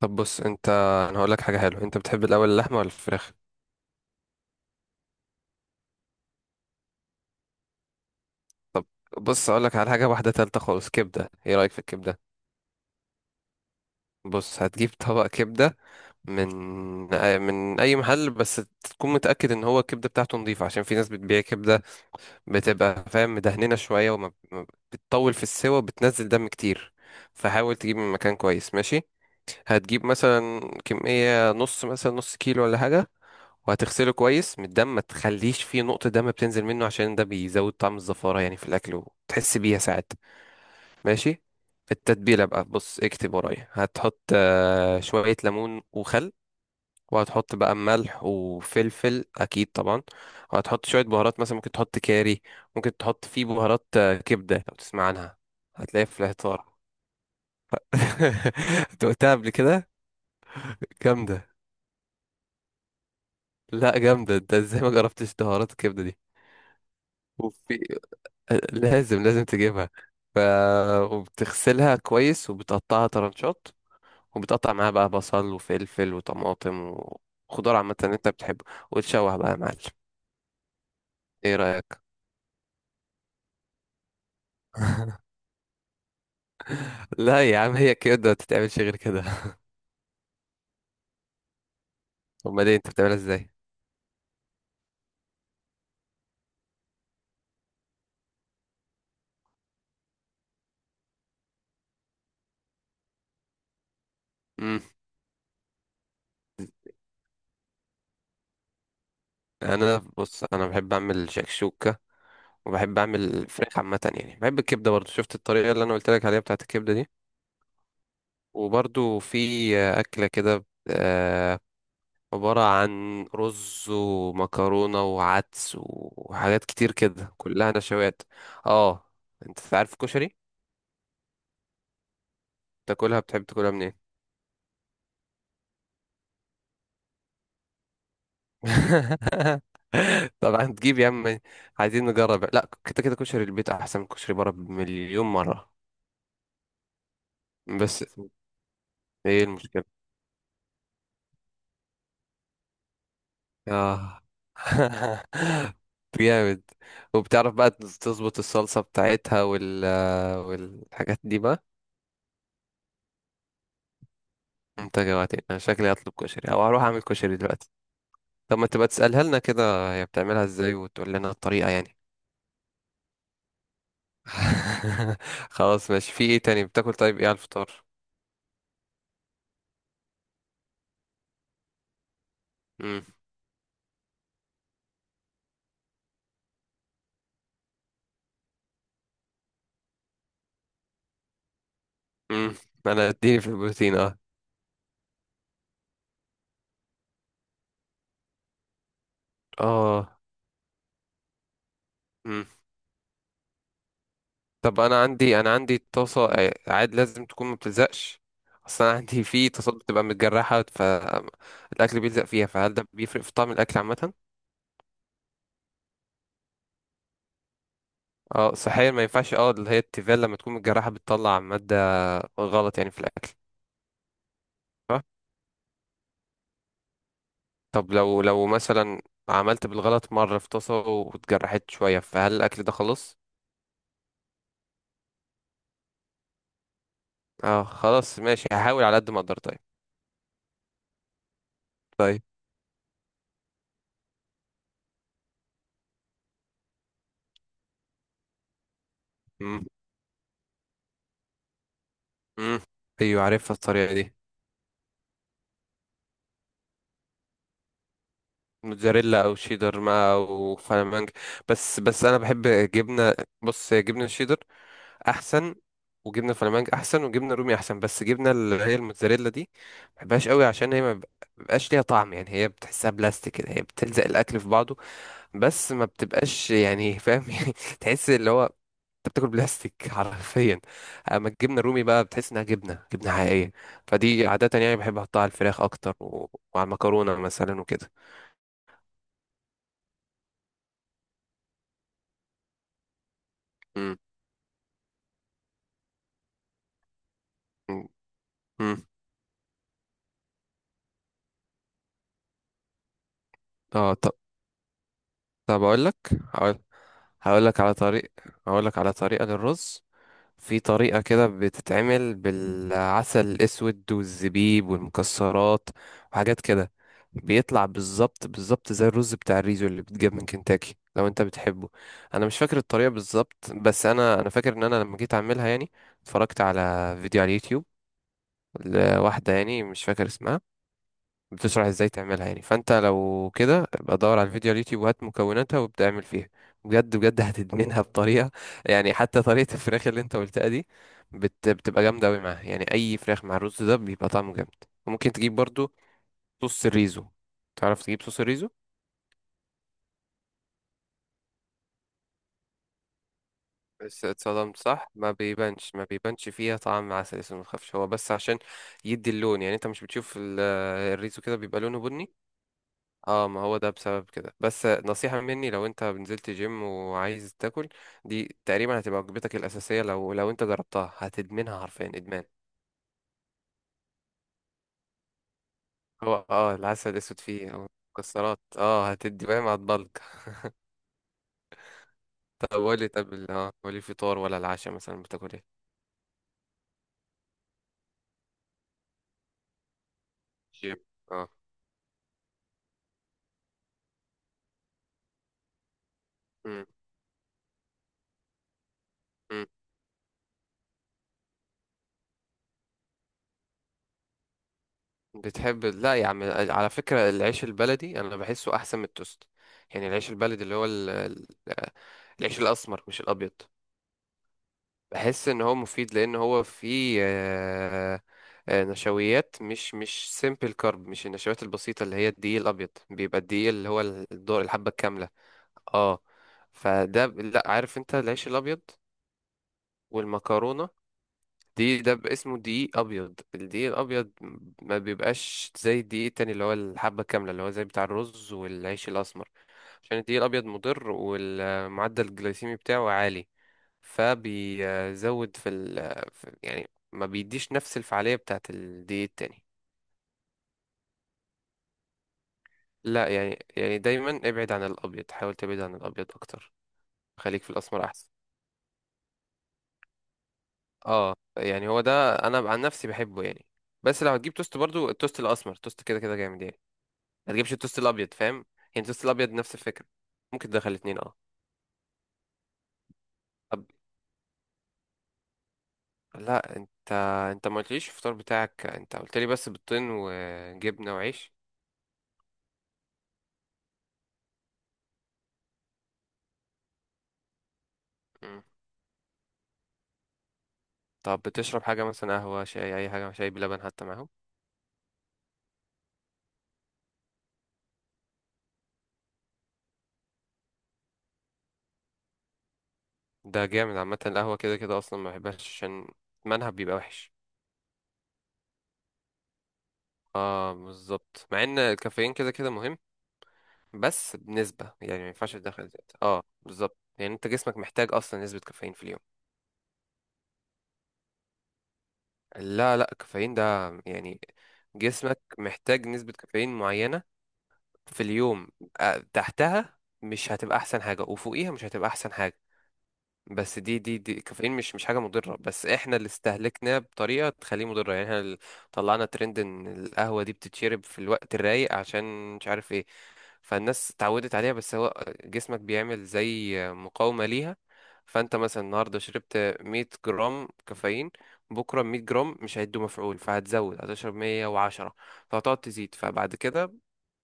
طب بص انت. انا هقول لك حاجه حلوه، انت بتحب الاول اللحمه ولا الفراخ؟ بص هقول لك على حاجه واحده تالته خالص، كبده. ايه رايك في الكبده؟ بص هتجيب طبق كبده من اي محل، بس تكون متاكد ان هو الكبده بتاعته نظيفه، عشان في ناس بتبيع كبده بتبقى فاهم مدهننه شويه، وما ما بتطول في السوا وبتنزل دم كتير. فحاول تجيب من مكان كويس ماشي. هتجيب مثلا كميه نص، مثلا نص كيلو ولا حاجه، وهتغسله كويس من الدم، ما تخليش فيه نقطة دم بتنزل منه، عشان ده بيزود طعم الزفارة يعني في الأكل وتحس بيها ساعات. ماشي، التتبيلة بقى بص اكتب ورايا، هتحط شوية ليمون وخل، وهتحط بقى ملح وفلفل أكيد طبعا، وهتحط شوية بهارات مثلا ممكن تحط كاري، ممكن تحط فيه بهارات، كبدة، لو تسمع عنها هتلاقيها في العطار. أنت قلتها قبل كده، جامدة. لا جامدة، ده ازاي ما جربتش بهارات الكبدة دي؟ وفي لازم تجيبها. ف... وبتغسلها كويس وبتقطعها طرنشات، وبتقطع معاها بقى بصل وفلفل وطماطم وخضار عامة اللي انت بتحبه، وتشوح بقى يا معلم. ايه رأيك؟ لا يا عم هي كده، ما تتعملش غير كده. امال ايه، انت بتعملها ازاي؟ امم انا بص، انا بحب اعمل شكشوكة، وبحب اعمل فراخ عامة، يعني بحب الكبدة برضو، شفت الطريقة اللي انا قلت لك عليها بتاعت الكبدة دي. وبرضو في أكلة كده، عبارة عن رز ومكرونة وعدس وحاجات كتير كده كلها نشويات. اه، انت عارف الكشري، تاكلها؟ بتحب تاكلها منين؟ طبعا تجيب يا عم، عايزين نجرب. لا كده كده كشري البيت احسن من كشري بره بمليون مرة. بس ايه المشكلة؟ اه. جامد، وبتعرف بقى تظبط الصلصة بتاعتها والحاجات دي بقى. انت جوعتني، انا شكلي هطلب كشري او هروح اعمل كشري دلوقتي. طب ما تبقى تسألها لنا كده هي بتعملها ازاي، وتقول لنا الطريقة يعني. خلاص ماشي، في ايه تاني بتاكل؟ طيب ايه على الفطار؟ امم امم انا اديني في البروتين اه. اه، امم طب انا عندي، انا عندي طاسة، عاد لازم تكون ما بتلزقش. اصل انا عندي في طاسات بتبقى متجرحة، فالاكل بيلزق فيها، فهل ده بيفرق في طعم الاكل عامة؟ اه صحيا ما ينفعش، اه، اللي هي التيفال لما تكون متجرحة بتطلع مادة غلط يعني في الاكل. طب لو مثلا عملت بالغلط مرة في طاسة واتجرحت شوية، فهل الأكل ده خلاص؟ اه خلاص ماشي، هحاول على قد ما أقدر. طيب. طيب. مم. مم. أيوة عارفها الطريقة دي. موتزاريلا أو شيدر ما أو فلامنج. بس أنا بحب جبنة. بص هي جبنة الشيدر أحسن، وجبنة الفلامنج أحسن، وجبنة رومي أحسن، بس جبنة اللي هي الموتزاريلا دي ما بحبهاش قوي، عشان هي ما بيبقاش ليها طعم، يعني هي بتحسها بلاستيك كده، هي بتلزق الأكل في بعضه. بس ما بتبقاش، يعني فاهم يعني. تحس اللي هو انت بتاكل بلاستيك حرفيا. اما الجبنه الرومي بقى بتحس انها جبنه حقيقيه. فدي عاده يعني بحب احطها على الفراخ اكتر وعلى المكرونه مثلا وكده. امم امم امم. اه طب. طب اقول لك. هقول هقول لك على هقول لك على طريقه للرز. في طريقة كده بتتعمل بالعسل الأسود والزبيب والمكسرات وحاجات كده. بيطلع بالظبط بالظبط زي الرز بتاع الريزو اللي بيتجاب من كنتاكي لو انت بتحبه. انا مش فاكر الطريقة بالظبط، بس انا فاكر ان انا لما جيت اعملها يعني اتفرجت على فيديو على اليوتيوب لواحدة يعني مش فاكر اسمها، بتشرح ازاي تعملها يعني. فانت لو كده ابقى دور على الفيديو على اليوتيوب وهات مكوناتها وابدا اعمل فيها. بجد هتدمنها بطريقه، يعني حتى طريقه الفراخ اللي انت قلتها دي بتبقى جامده قوي معاها. يعني اي فراخ مع الرز ده بيبقى طعمه جامد. وممكن تجيب برضو صوص الريزو، تعرف تجيب صوص الريزو؟ بس اتصدمت صح؟ ما بيبانش فيها طعم عسل اسود، ما تخافش، هو بس عشان يدي اللون، يعني انت مش بتشوف الريزو كده بيبقى لونه بني؟ اه، ما هو ده بسبب كده. بس نصيحة مني، لو انت نزلت جيم وعايز تاكل، دي تقريبا هتبقى وجبتك الأساسية. لو انت جربتها هتدمنها حرفيا ادمان. هو اه العسل الاسود فيه او مكسرات اه، هتدي فاهم، هتبلك طب قولي، طب اه قولي فطار ولا العشاء مثلا بتاكل ايه؟ جيم اه. مم. مم. بتحب لا يا عم على فكرة العيش البلدي انا بحسه احسن من التوست. يعني العيش البلدي اللي هو العيش الاسمر مش الابيض. بحس ان هو مفيد، لان هو فيه نشويات، مش سيمبل كارب، مش النشويات البسيطه اللي هي الدقيق الابيض، بيبقى الدقيق اللي هو الدور الحبه الكامله اه. لا عارف انت، العيش الابيض والمكرونه دي اسمه دقيق ابيض. الدقيق الابيض ما بيبقاش زي الدقيق التاني اللي هو الحبه كامله، اللي هو زي بتاع الرز والعيش الاسمر. عشان الدقيق الابيض مضر، والمعدل الجلايسيمي بتاعه عالي، فبيزود في يعني ما بيديش نفس الفعالية بتاعة الدقيق التاني. لا يعني دايما ابعد عن الابيض، حاول تبعد عن الابيض اكتر، خليك في الاسمر احسن. اه يعني هو ده انا عن نفسي بحبه يعني. بس لو هتجيب توست برضو، التوست الاسمر التوست كده كده جامد يعني، ما تجيبش التوست الابيض، فاهم يعني؟ التوست الابيض نفس الفكرة، ممكن تدخل الاتنين اه. لا انت ما قلتليش الفطار بتاعك، انت قلت لي بس بيضتين وجبنه وعيش. مم. طب بتشرب حاجه، مثلا قهوه شاي اي حاجه، شاي بلبن حتى معاهم؟ ده جامد، عامه القهوه كده كده اصلا ما بحبهاش، عشان منها بيبقى وحش. اه بالظبط، مع ان الكافيين كده كده مهم، بس بنسبه يعني ما ينفعش تدخل زيادة. اه بالظبط، يعني انت جسمك محتاج اصلا نسبه كافيين في اليوم. لا الكافيين ده يعني جسمك محتاج نسبه كافيين معينه في اليوم، تحتها مش هتبقى احسن حاجه، وفوقيها مش هتبقى احسن حاجه. بس دي الكافيين مش حاجه مضره، بس احنا اللي استهلكناه بطريقه تخليه مضره. يعني احنا اللي طلعنا ترند ان القهوه دي بتتشرب في الوقت الرايق عشان مش عارف ايه، فالناس اتعودت عليها. بس هو جسمك بيعمل زي مقاومه ليها، فانت مثلا النهارده شربت 100 جرام كافيين، بكره 100 جرام مش هيدوا مفعول، فهتزود هتشرب 110، فهتقعد تزيد، فبعد كده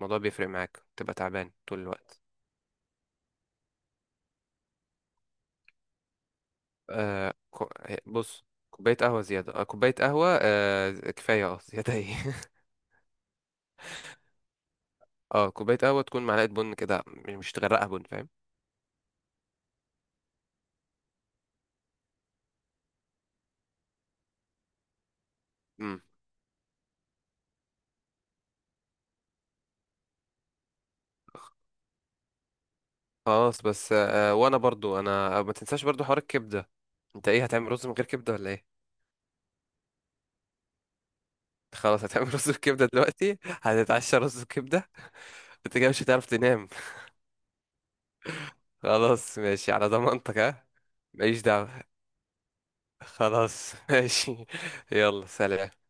الموضوع بيفرق معاك، تبقى تعبان طول الوقت. آه كو... آه، بص كوباية قهوة زيادة، آه كوباية قهوة كفاية اه، زيادة ايه؟ اه كوباية قهوة تكون معلقة بن كده، مش تغرقها بن، فاهم؟ امم. خلاص بس آه، وانا برضو انا، ما تنساش برضو حوار الكبدة، انت ايه هتعمل رز من غير كبدة ولا ايه؟ خلاص هتعمل رز بكبدة دلوقتي، هتتعشى رز بكبدة. انت كده مش هتعرف تنام. خلاص ماشي على ضمانتك ها. ماليش دعوة. خلاص ماشي، يلا سلام.